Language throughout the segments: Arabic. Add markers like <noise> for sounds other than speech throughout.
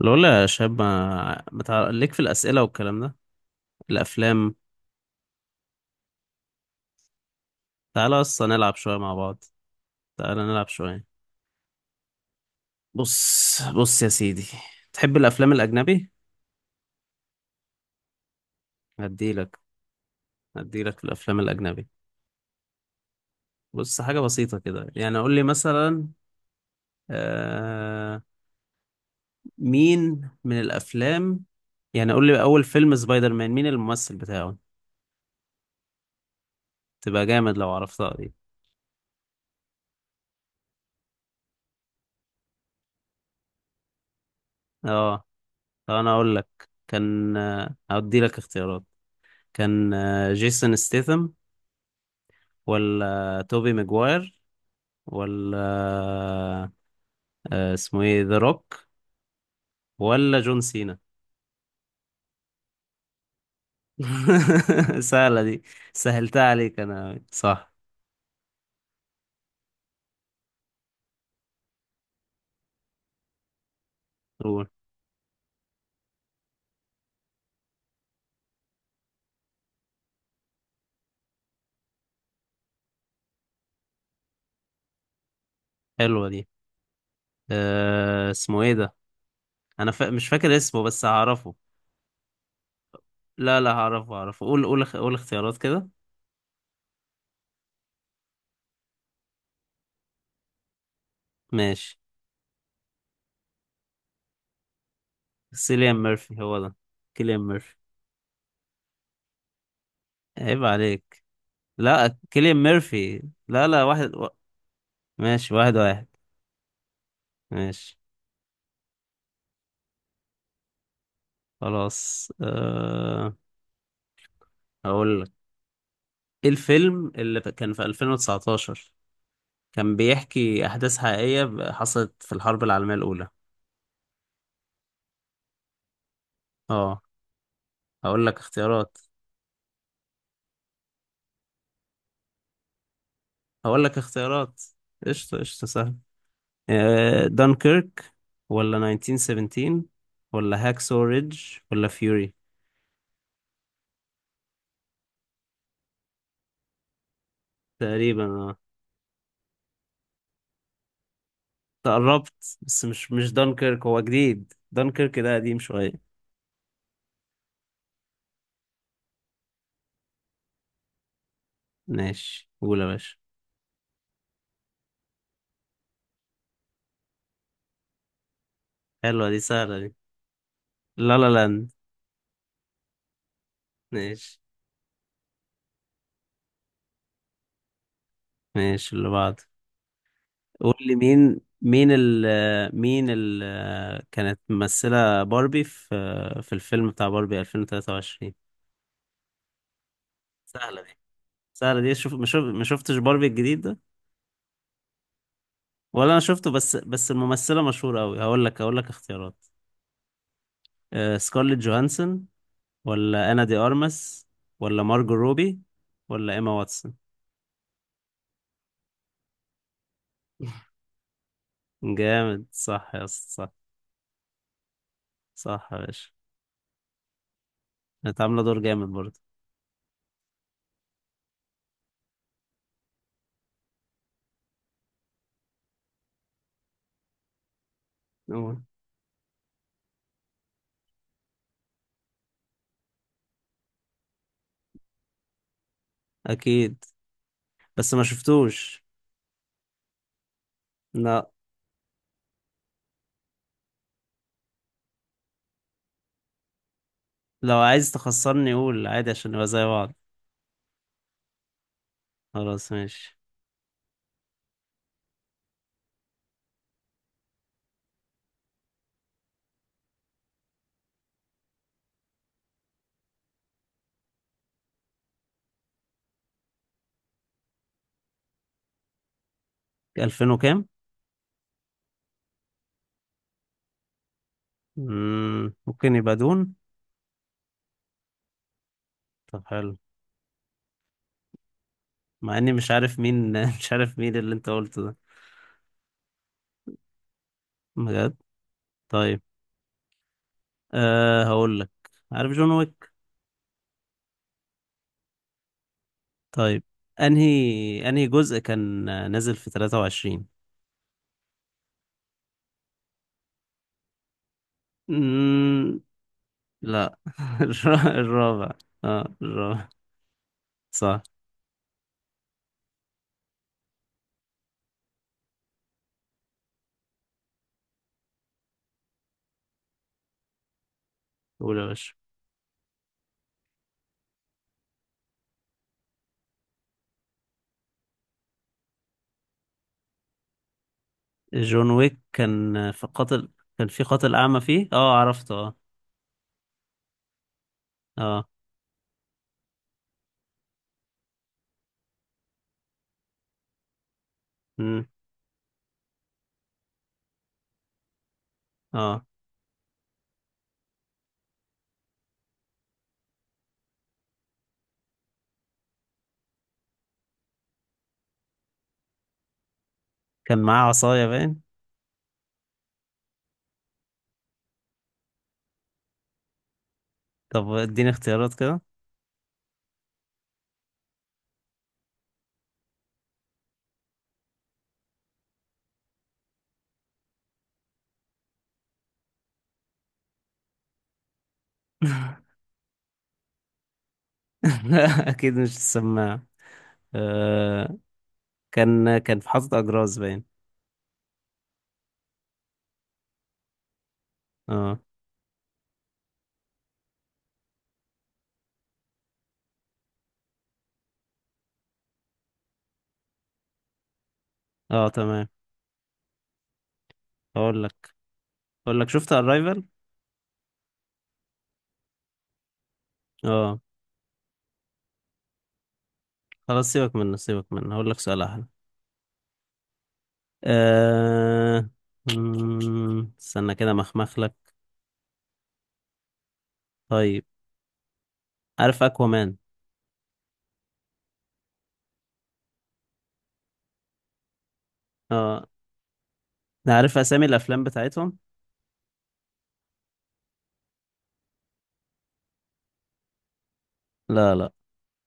لولا يا شاب، ما بتاع ليك في الأسئلة والكلام ده، الأفلام. تعالى أصلا نلعب شوية مع بعض. تعالى نلعب شوية. بص بص يا سيدي، تحب الأفلام الأجنبي؟ هديلك هديلك في الأفلام الأجنبي. بص، حاجة بسيطة كده، يعني قول لي مثلا. آه... مين من الأفلام؟ يعني قول لي، أول فيلم سبايدر مان مين الممثل بتاعه؟ تبقى جامد لو عرفتها دي. اه، طب أنا أقول لك. كان، هديلك اختيارات. كان جيسون ستيثم، ولا توبي ماجواير، ولا اسمه ايه، ذا روك، ولا جون سينا. <laughs> سهلة دي، سهلتها عليك انا أوي. صح. قول. حلوة دي. اسمه ايه ده؟ انا مش فاكر اسمه بس هعرفه. لا، لا هعرفه، قول اختيارات كده. ماشي. سيليان ميرفي هو ده. كيليان ميرفي. عيب عليك. لا، كيليان ميرفي. لا لا، واحد و. ماشي، واحد واحد. ماشي. خلاص. هقول. ايه الفيلم اللي كان في 2019، كان بيحكي احداث حقيقية حصلت في الحرب العالمية الاولى؟ اه، هقول لك اختيارات هقول لك اختيارات. قشطة قشطة، سهل. دانكيرك، ولا 1917، ولا هاكسو ريدج، ولا فيوري. تقريبا اه. تقربت، بس مش دانكيرك، هو جديد، دانكيرك ده قديم شوية. ماشي، قول يا باشا. حلوة دي، سهلة دي. لا لا لاند. ماشي ماشي، اللي بعده. قول لي، مين كانت ممثلة باربي في الفيلم بتاع باربي 2023؟ سهلة دي، سهلة دي. شوف، ما شفتش باربي الجديد ده. ولا انا شفته، بس الممثلة مشهورة قوي. هقول لك اختيارات. سكارليت جوهانسون، ولا انا دي ارمس، ولا مارجو روبي، ولا ايما واتسون. <laughs> جامد، صح يا اسطى، صح. صح يا باشا. كانت عاملة دور جامد برضه. أوه. اكيد، بس ما شفتوش. لا، لو عايز تخسرني قول عادي عشان نبقى زي بعض. خلاص ماشي. ألفين وكام؟ ممكن يبقى دون. طب حلو. مع إني مش عارف مين، <laughs> مش عارف مين اللي أنت قلته ده، بجد. طيب. هقول لك، عارف جون ويك؟ طيب، أنهي جزء كان نازل في 23؟ مم، لا. <laughs> الر- الرابع. اه، الرابع. صح. قول يا باشا. جون ويك كان في قاتل. كان في قاتل أعمى فيه، اه عرفته، اه. اه. مم. اه. كان معاه عصاية باين. طب اديني اختيارات كده. <laughs> اكيد مش السماعة. آه، كان في حاطط اجراز باين. اه. اه تمام. هقول لك هقول لك شفت الرايفل. اه. خلاص، سيبك منه سيبك منه، هقول لك سؤال احلى. آه... استنى كده مخمخ لك. طيب، عارف اكوامان؟ اه. عارف اسامي الافلام بتاعتهم. لا، لا.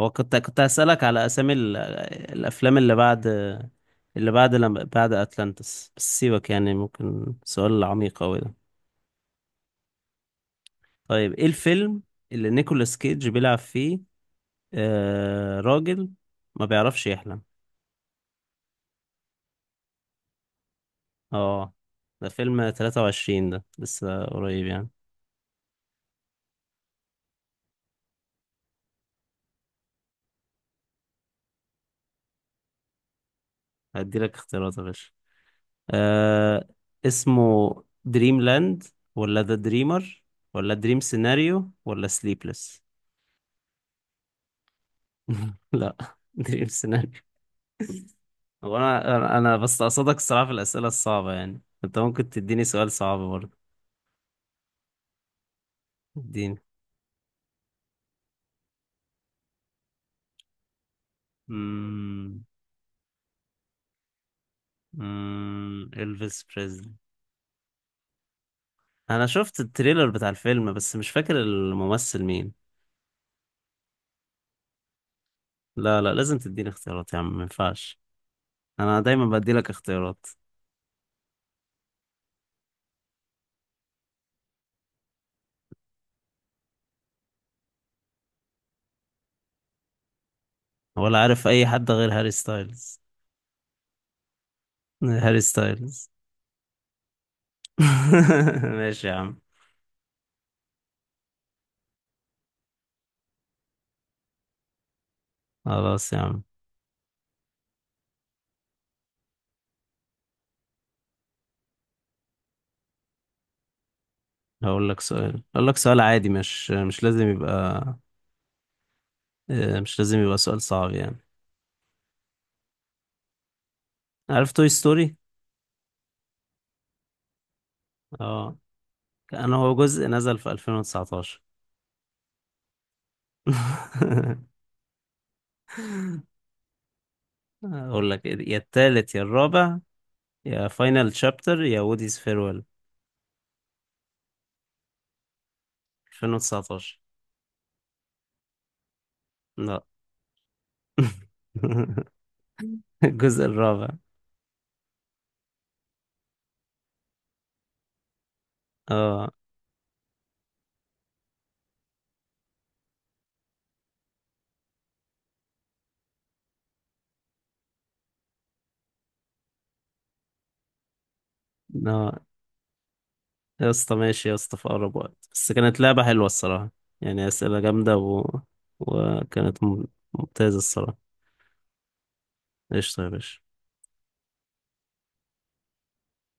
هو كنت هسألك على أسامي الأفلام اللي بعد، اللي بعد لما بعد أتلانتس، بس سيبك يعني ممكن سؤال عميق أوي ده. طيب، إيه الفيلم اللي نيكولاس كيدج بيلعب فيه، راجل ما بيعرفش يحلم؟ اه، ده فيلم 23، ده لسه قريب يعني. هديلك اختيارات يا باشا. آه، اسمه دريم لاند، ولا ذا دريمر، ولا دريم سيناريو، ولا سليبلس. <laughs> لا، دريم سيناريو. هو انا انا أنا بس قصدك، الصراحه في الاسئله الصعبه يعني انت ممكن تديني سؤال صعب برضه. اديني. امم الفيس بريزلي. انا شفت التريلر بتاع الفيلم، بس مش فاكر الممثل مين. لا لا، لازم تديني اختيارات يا عم، ما ينفعش. انا دايما بدي لك اختيارات. ولا عارف اي حد غير هاري ستايلز. هاري ستايلز. <laughs> ماشي يا عم. خلاص يا عم. هقول لك سؤال عادي، مش لازم يبقى، مش لازم يبقى سؤال صعب يعني. عارف توي ستوري؟ اه، انا، هو جزء نزل في 2019. <laughs> اقول لك إيه، يا التالت يا الرابع، يا فاينل شابتر يا ووديز فيرويل. 2019. لا. <laughs> الجزء الرابع. اه. لا يا اسطى، ماشي يا اسطى، في اقرب وقت، بس كانت لعبة حلوة الصراحة، يعني اسئلة جامدة و. وكانت ممتازة الصراحة. قشطة يا باشا.